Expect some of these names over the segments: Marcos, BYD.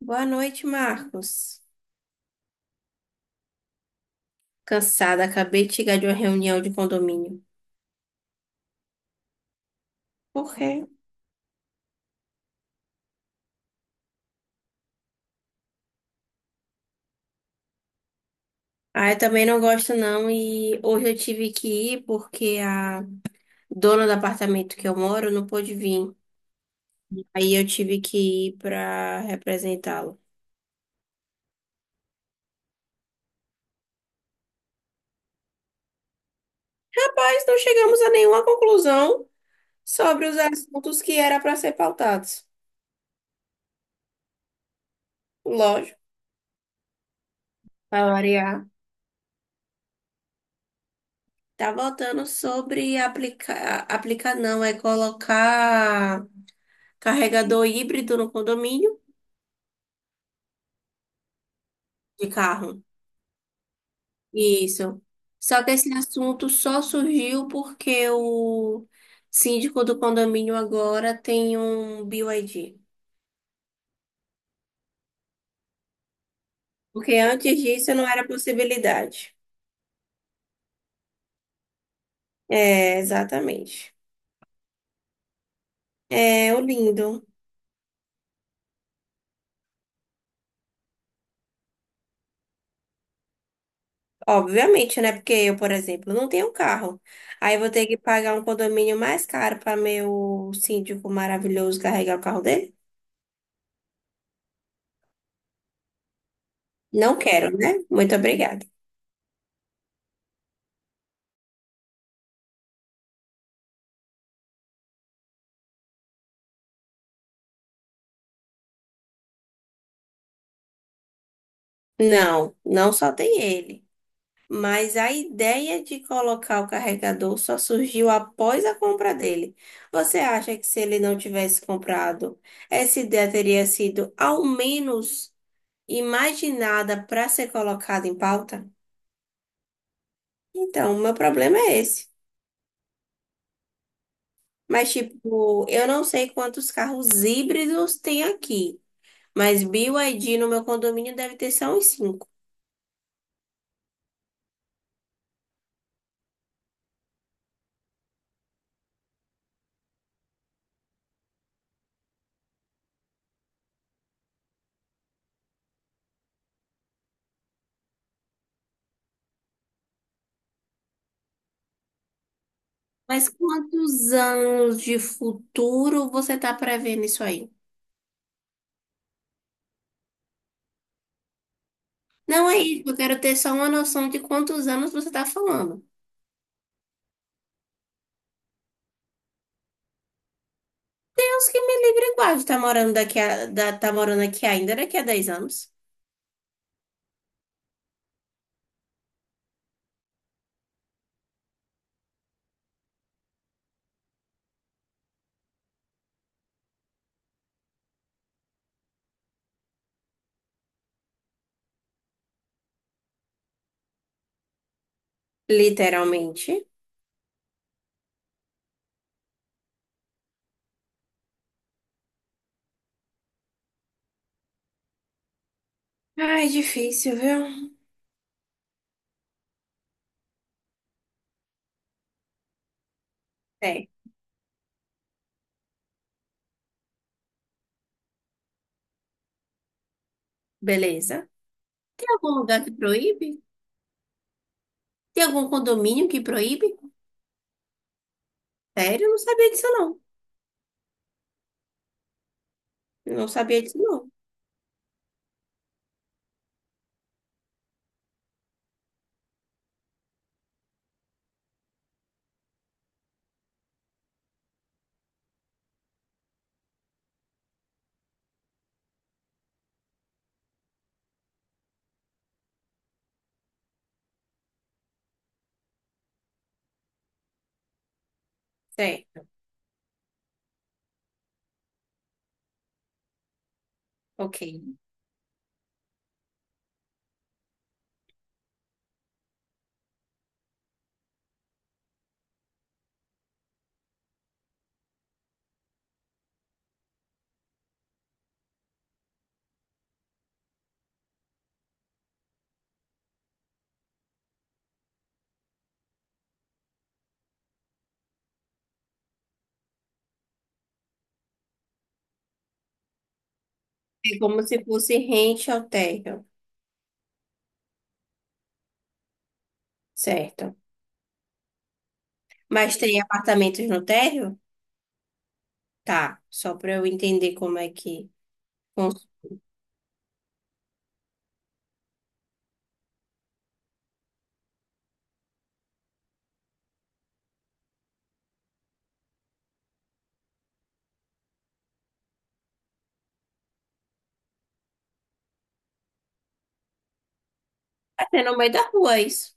Boa noite, Marcos. Cansada, acabei de chegar de uma reunião de condomínio. Por quê? Ah, eu também não gosto não e hoje eu tive que ir porque a dona do apartamento que eu moro não pôde vir. Aí eu tive que ir para representá-lo. Rapaz, não chegamos a nenhuma conclusão sobre os assuntos que era para ser pautados. Lógico, para variar. Tá voltando sobre aplicar, aplicar não, é colocar carregador híbrido no condomínio. De carro. Isso. Só que esse assunto só surgiu porque o síndico do condomínio agora tem um BYD. Porque antes disso não era possibilidade. É, exatamente. É, o lindo. Obviamente, né? Porque eu, por exemplo, não tenho carro. Aí eu vou ter que pagar um condomínio mais caro para meu síndico maravilhoso carregar o carro dele? Não quero, né? Muito obrigada. Não, não só tem ele. Mas a ideia de colocar o carregador só surgiu após a compra dele. Você acha que se ele não tivesse comprado, essa ideia teria sido ao menos imaginada para ser colocada em pauta? Então, o meu problema é esse. Mas, tipo, eu não sei quantos carros híbridos tem aqui, mas BYD no meu condomínio deve ter só uns cinco. Mas quantos anos de futuro você está prevendo isso aí? Não é isso, eu quero ter só uma noção de quantos anos você tá falando. Deus que me livre e guarde, tá morando daqui a, tá morando aqui ainda daqui a 10 anos. Literalmente. Ai, difícil, viu? É, beleza. Tem algum lugar que proíbe? Tem algum condomínio que proíbe? Sério, eu não sabia disso, não. Eu não sabia disso, não. Certo, ok. É como se fosse rente ao térreo. Certo. Mas tem apartamentos no térreo? Tá, só para eu entender como é que funciona. É no meio da rua, é isso?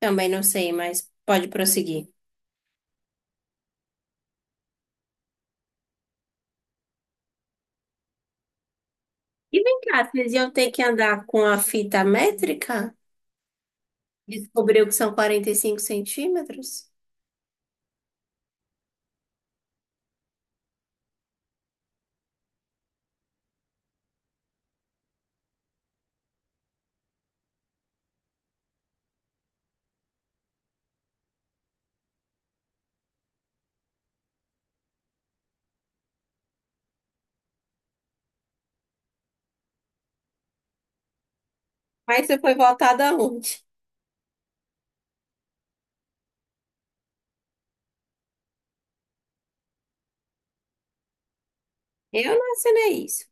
Também não sei, mas pode prosseguir. E vem cá, vocês iam ter que andar com a fita métrica? Descobriu que são 45 centímetros? Mas você foi voltada aonde? Eu não assinei isso.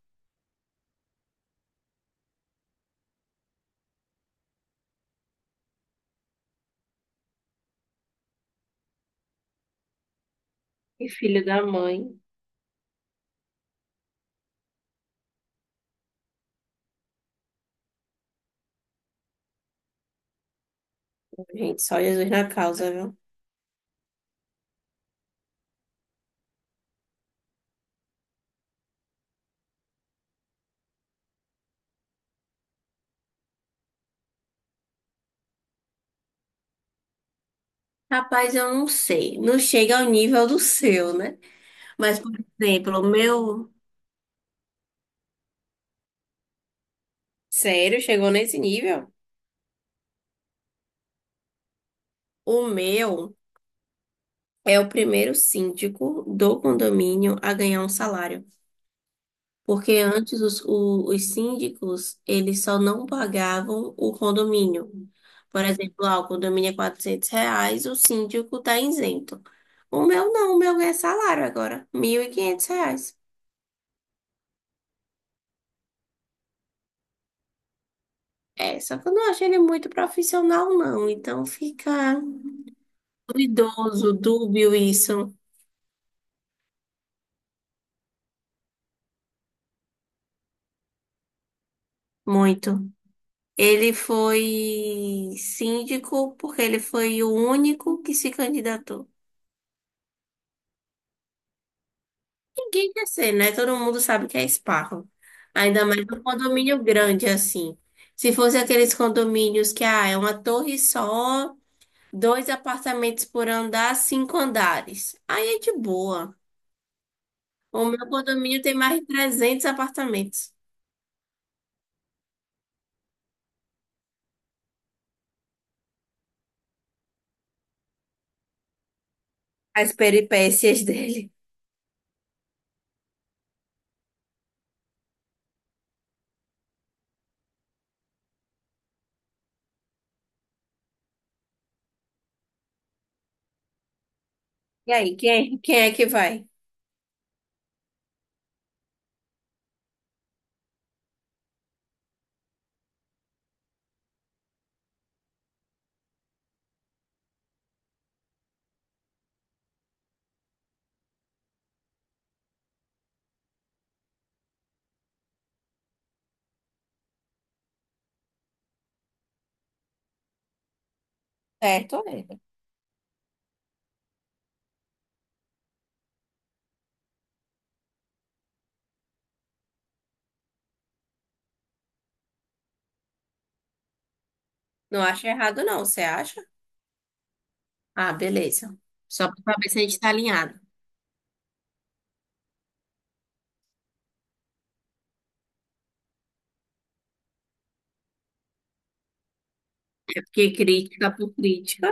E filho da mãe. Gente, só Jesus na causa, viu? Rapaz, eu não sei. Não chega ao nível do seu, né? Mas, por exemplo, o meu. Sério, chegou nesse nível? O meu é o primeiro síndico do condomínio a ganhar um salário. Porque antes os síndicos, eles só não pagavam o condomínio. Por exemplo, ah, o condomínio é R$ 400, o síndico tá isento. O meu não, o meu é salário agora, R$ 1.500. É, só que eu não acho ele muito profissional, não. Então fica duvidoso, dúbio isso, muito. Ele foi síndico porque ele foi o único que se candidatou. Ninguém quer ser, né? Todo mundo sabe que é esparro. Ainda mais um condomínio grande assim. Se fosse aqueles condomínios que ah, é uma torre só, dois apartamentos por andar, cinco andares. Aí é de boa. O meu condomínio tem mais de 300 apartamentos. As peripécias dele. E aí, quem é que vai? Certo, ele. Não acho errado, não. Você acha? Ah, beleza. Só pra saber se a gente tá alinhado. É porque crítica por crítica.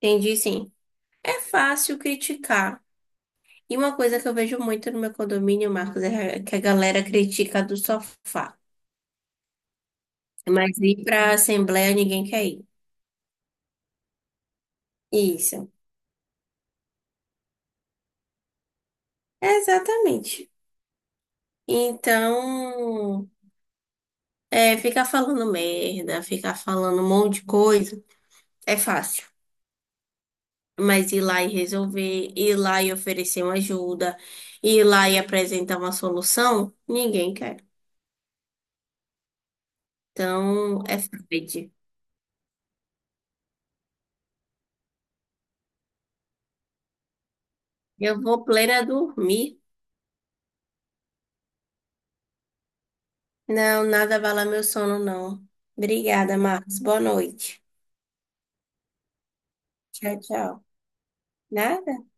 Entendi, sim. É fácil criticar. E uma coisa que eu vejo muito no meu condomínio, Marcos, é que a galera critica do sofá. Mas ir para a assembleia ninguém quer ir. Isso. Exatamente. Então, é, ficar falando merda, ficar falando um monte de coisa, é fácil. Mas ir lá e resolver, ir lá e oferecer uma ajuda, ir lá e apresentar uma solução, ninguém quer. Então, é Fred. Eu vou plena dormir. Não, nada abala meu sono, não. Obrigada, Marcos. Boa noite. Tchau, tchau. Nada.